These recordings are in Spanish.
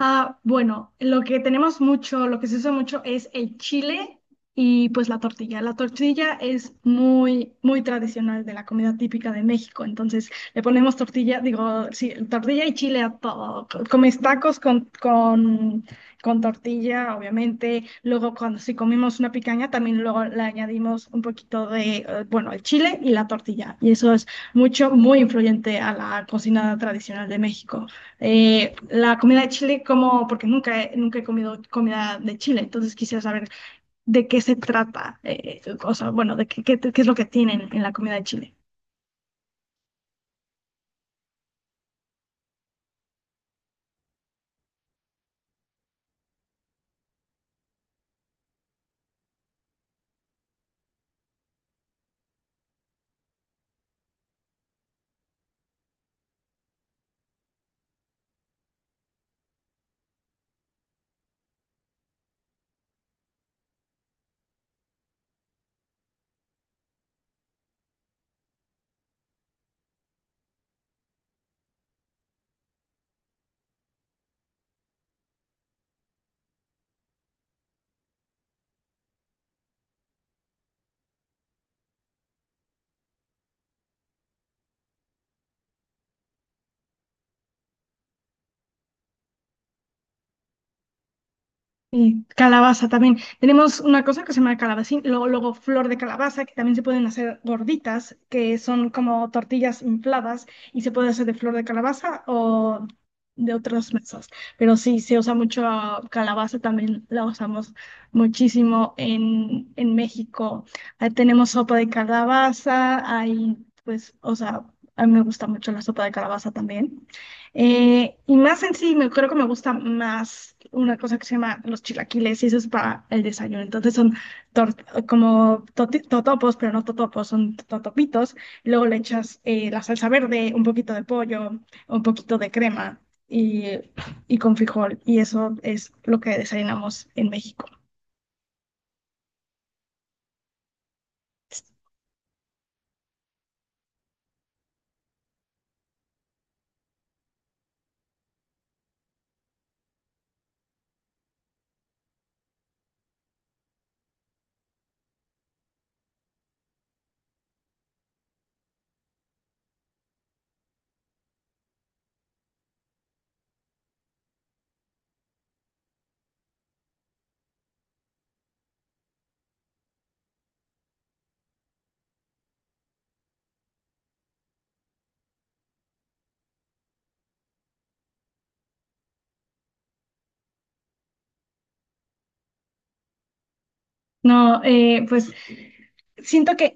Ah, bueno, lo que tenemos mucho, lo que se usa mucho es el chile y pues la tortilla. La tortilla es muy, muy tradicional de la comida típica de México. Entonces le ponemos tortilla, digo, sí, tortilla y chile a todo. Comes tacos con tortilla, obviamente. Luego cuando si comemos una picaña, también luego le añadimos un poquito de, bueno, el chile y la tortilla. Y eso es mucho, muy influyente a la cocina tradicional de México. ¿ La comida de Chile, como, porque nunca he comido comida de Chile, entonces quisiera saber de qué se trata? O sea, bueno, de qué, qué es lo que tienen en la comida de Chile. Y calabaza también. Tenemos una cosa que se llama calabacín, luego flor de calabaza, que también se pueden hacer gorditas, que son como tortillas infladas y se puede hacer de flor de calabaza o de otras mesas. Pero sí, se usa mucho calabaza, también la usamos muchísimo en México. Ahí tenemos sopa de calabaza, hay pues, o sea, a mí me gusta mucho la sopa de calabaza también. Y más en sí, creo que me gusta más una cosa que se llama los chilaquiles, y eso es para el desayuno. Entonces son totopos, pero no totopos, son totopitos. Y luego le echas la salsa verde, un poquito de pollo, un poquito de crema y, y con frijol. Y eso es lo que desayunamos en México. No, pues siento que,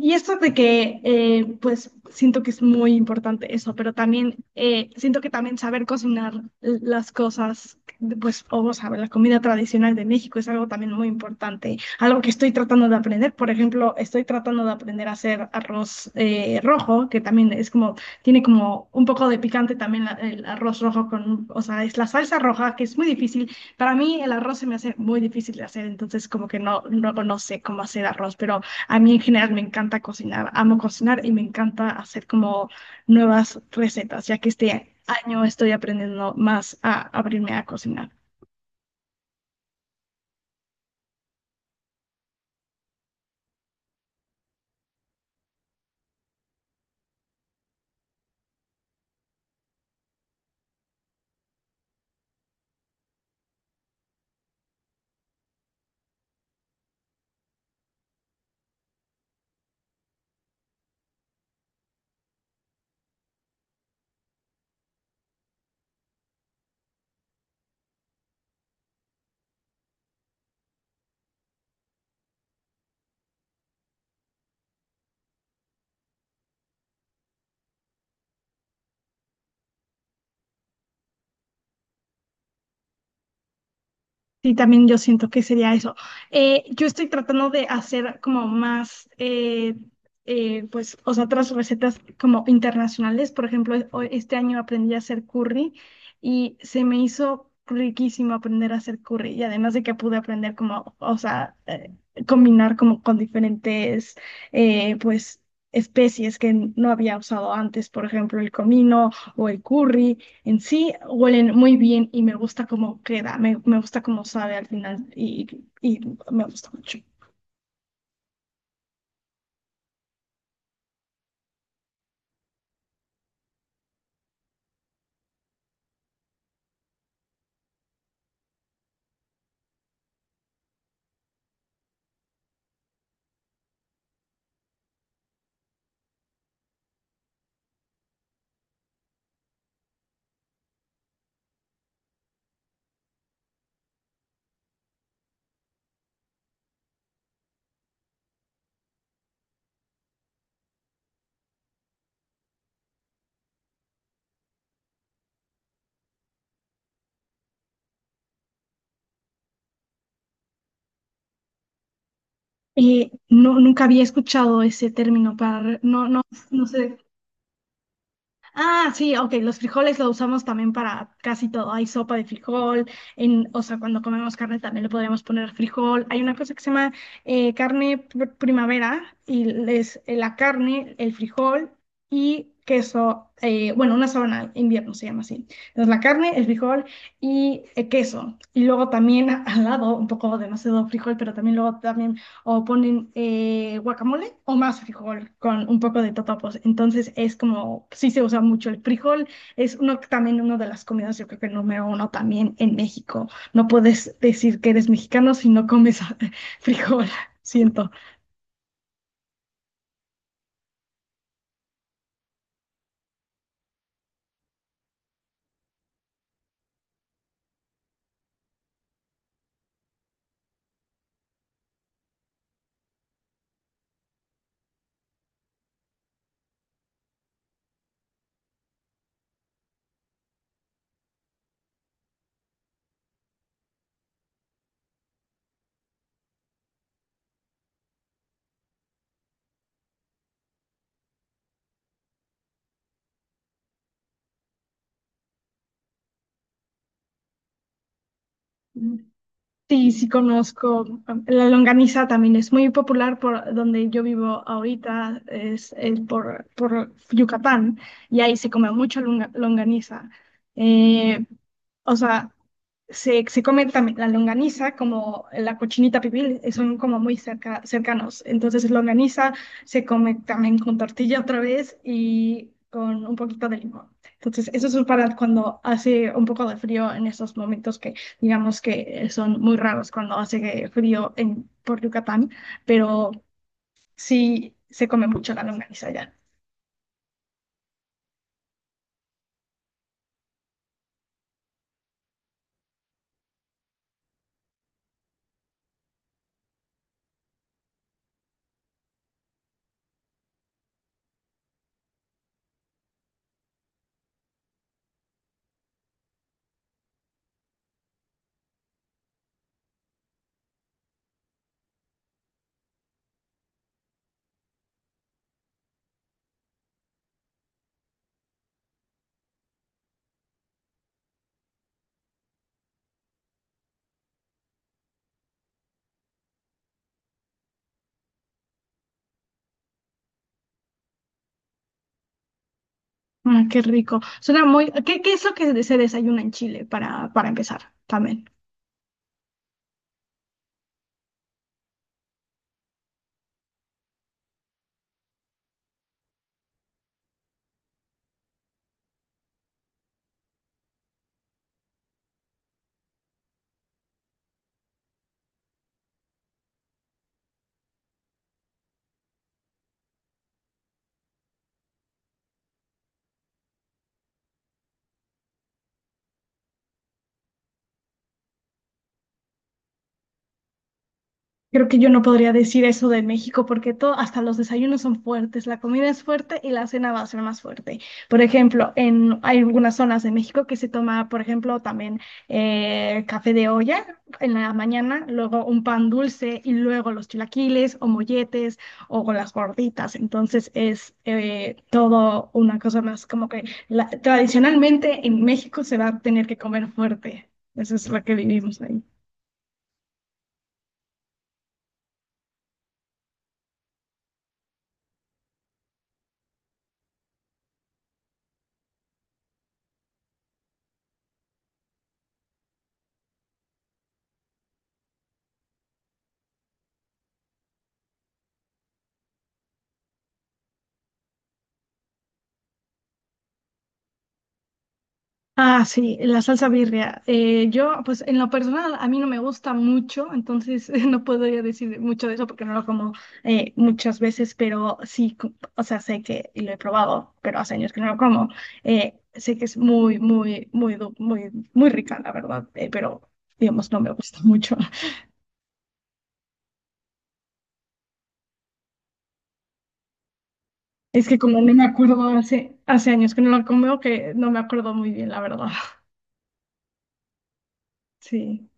y esto de que, pues siento que es muy importante eso, pero también siento que también saber cocinar las cosas, pues, o saber la comida tradicional de México es algo también muy importante, algo que estoy tratando de aprender. Por ejemplo, estoy tratando de aprender a hacer arroz rojo, que también es como, tiene como un poco de picante también el arroz rojo con, o sea, es la salsa roja, que es muy difícil. Para mí el arroz se me hace muy difícil de hacer, entonces como que no, no sé cómo hacer arroz, pero a mí en general me encanta cocinar, amo cocinar y me encanta hacer como nuevas recetas, ya que este año estoy aprendiendo más a abrirme a cocinar. Sí, también yo siento que sería eso. Yo estoy tratando de hacer como más, pues, o sea, otras recetas como internacionales. Por ejemplo, este año aprendí a hacer curry y se me hizo riquísimo aprender a hacer curry. Y además de que pude aprender como, o sea, combinar como con diferentes, pues, especies que no había usado antes. Por ejemplo, el comino o el curry en sí huelen muy bien y me gusta cómo queda, me gusta cómo sabe al final y me gusta mucho. No, nunca había escuchado ese término para, no, no sé. Ah, sí, ok, los frijoles lo usamos también para casi todo. Hay sopa de frijol, en, o sea, cuando comemos carne también le podríamos poner frijol. Hay una cosa que se llama carne primavera y es la carne, el frijol y queso, bueno, una sábana invierno se llama así. Entonces la carne, el frijol y queso. Y luego también al lado, un poco demasiado frijol, pero también luego también o ponen guacamole o más frijol con un poco de totopos. Entonces es como, sí se usa mucho el frijol, es uno, también una de las comidas, yo creo que número uno también en México. No puedes decir que eres mexicano si no comes frijol, siento. Sí, sí conozco. La longaniza también es muy popular por donde yo vivo ahorita, es, por Yucatán, y ahí se come mucho longaniza. Eh, o sea, se come también la longaniza como la cochinita pibil, son como muy cerca, cercanos. Entonces, longaniza se come también con tortilla otra vez y con un poquito de limón. Entonces, eso es para cuando hace un poco de frío en esos momentos, digamos que son muy raros cuando hace frío en, por Yucatán, pero sí se come mucho la longaniza allá. Ah, qué rico. Suena muy… ¿Qué, qué es lo que se desayuna en Chile para empezar también? Creo que yo no podría decir eso de México porque todo, hasta los desayunos son fuertes, la comida es fuerte y la cena va a ser más fuerte. Por ejemplo, en, hay algunas zonas de México que se toma, por ejemplo, también café de olla en la mañana, luego un pan dulce y luego los chilaquiles o molletes o con las gorditas. Entonces es todo una cosa más como que tradicionalmente en México se va a tener que comer fuerte. Eso es lo que vivimos ahí. Ah, sí, la salsa birria. Yo, pues en lo personal, a mí no me gusta mucho, entonces no puedo yo decir mucho de eso porque no lo como muchas veces, pero sí, o sea, sé que, y lo he probado, pero hace años que no lo como, sé que es muy, muy rica, la verdad, pero digamos, no me gusta mucho. Es que como no me acuerdo, hace hace años que no lo como, que no me acuerdo muy bien, la verdad. Sí.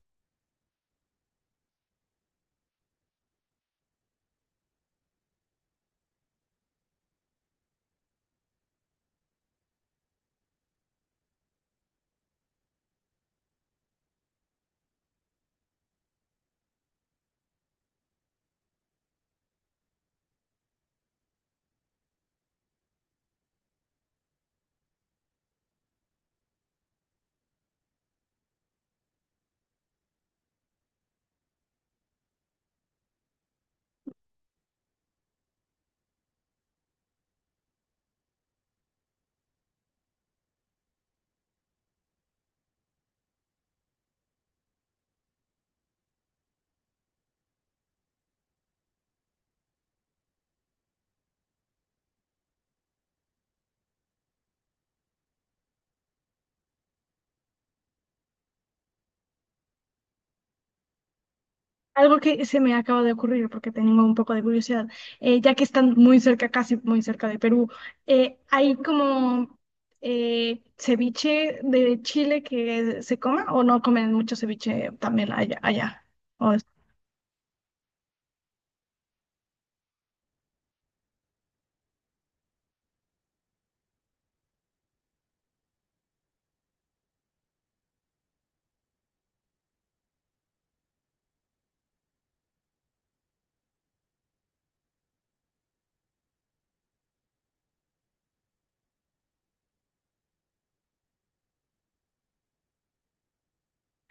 Algo que se me acaba de ocurrir porque tengo un poco de curiosidad, ya que están muy cerca, casi muy cerca de Perú, ¿hay como ceviche de Chile que se coma o no comen mucho ceviche también allá, allá?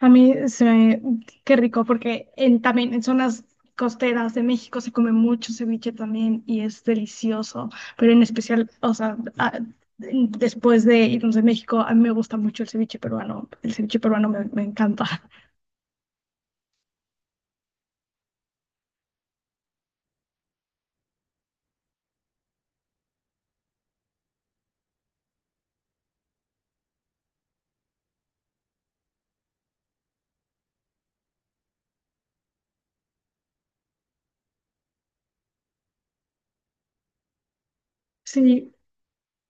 A mí se me… Qué rico, porque en, también en zonas costeras de México se come mucho ceviche también y es delicioso, pero en especial, o sea, después de irnos de México, a mí me gusta mucho el ceviche peruano me encanta. Sí,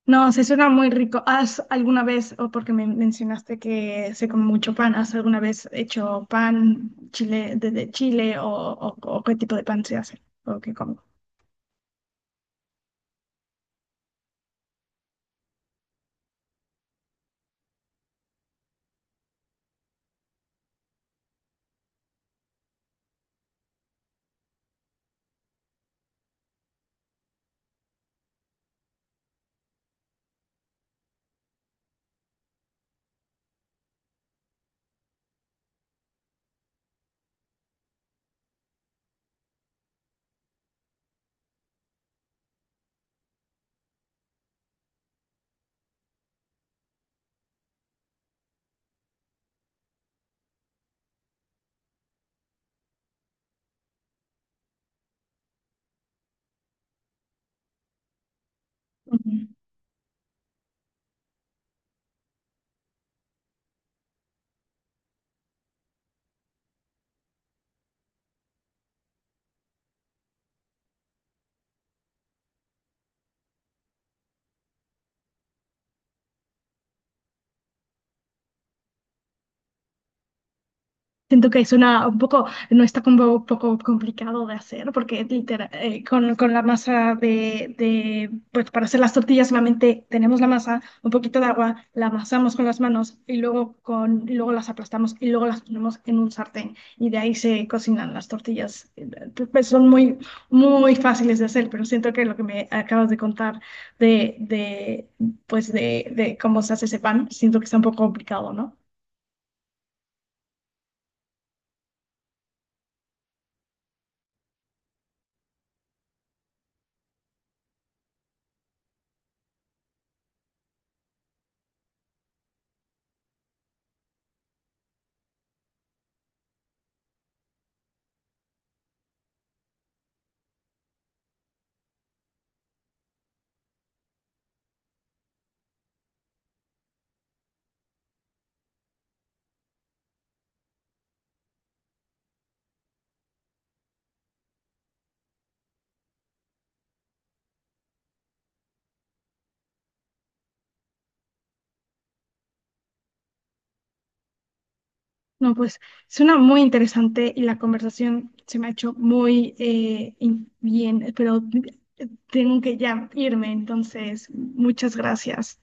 no, se suena muy rico. ¿Has alguna vez, o porque me mencionaste que se come mucho pan, has alguna vez hecho pan chile desde Chile o, o qué tipo de pan se hace o qué comen? Ujú. Siento que es una, un poco, no está como un poco complicado de hacer, porque literal, con la masa pues para hacer las tortillas solamente tenemos la masa, un poquito de agua, la amasamos con las manos y luego, con, y luego las aplastamos y luego las ponemos en un sartén y de ahí se cocinan las tortillas. Pues son muy, muy fáciles de hacer, pero siento que lo que me acabas de contar de, de, pues de cómo se hace ese pan, siento que está un poco complicado, ¿no? No, pues suena muy interesante y la conversación se me ha hecho muy bien, pero tengo que ya irme, entonces muchas gracias.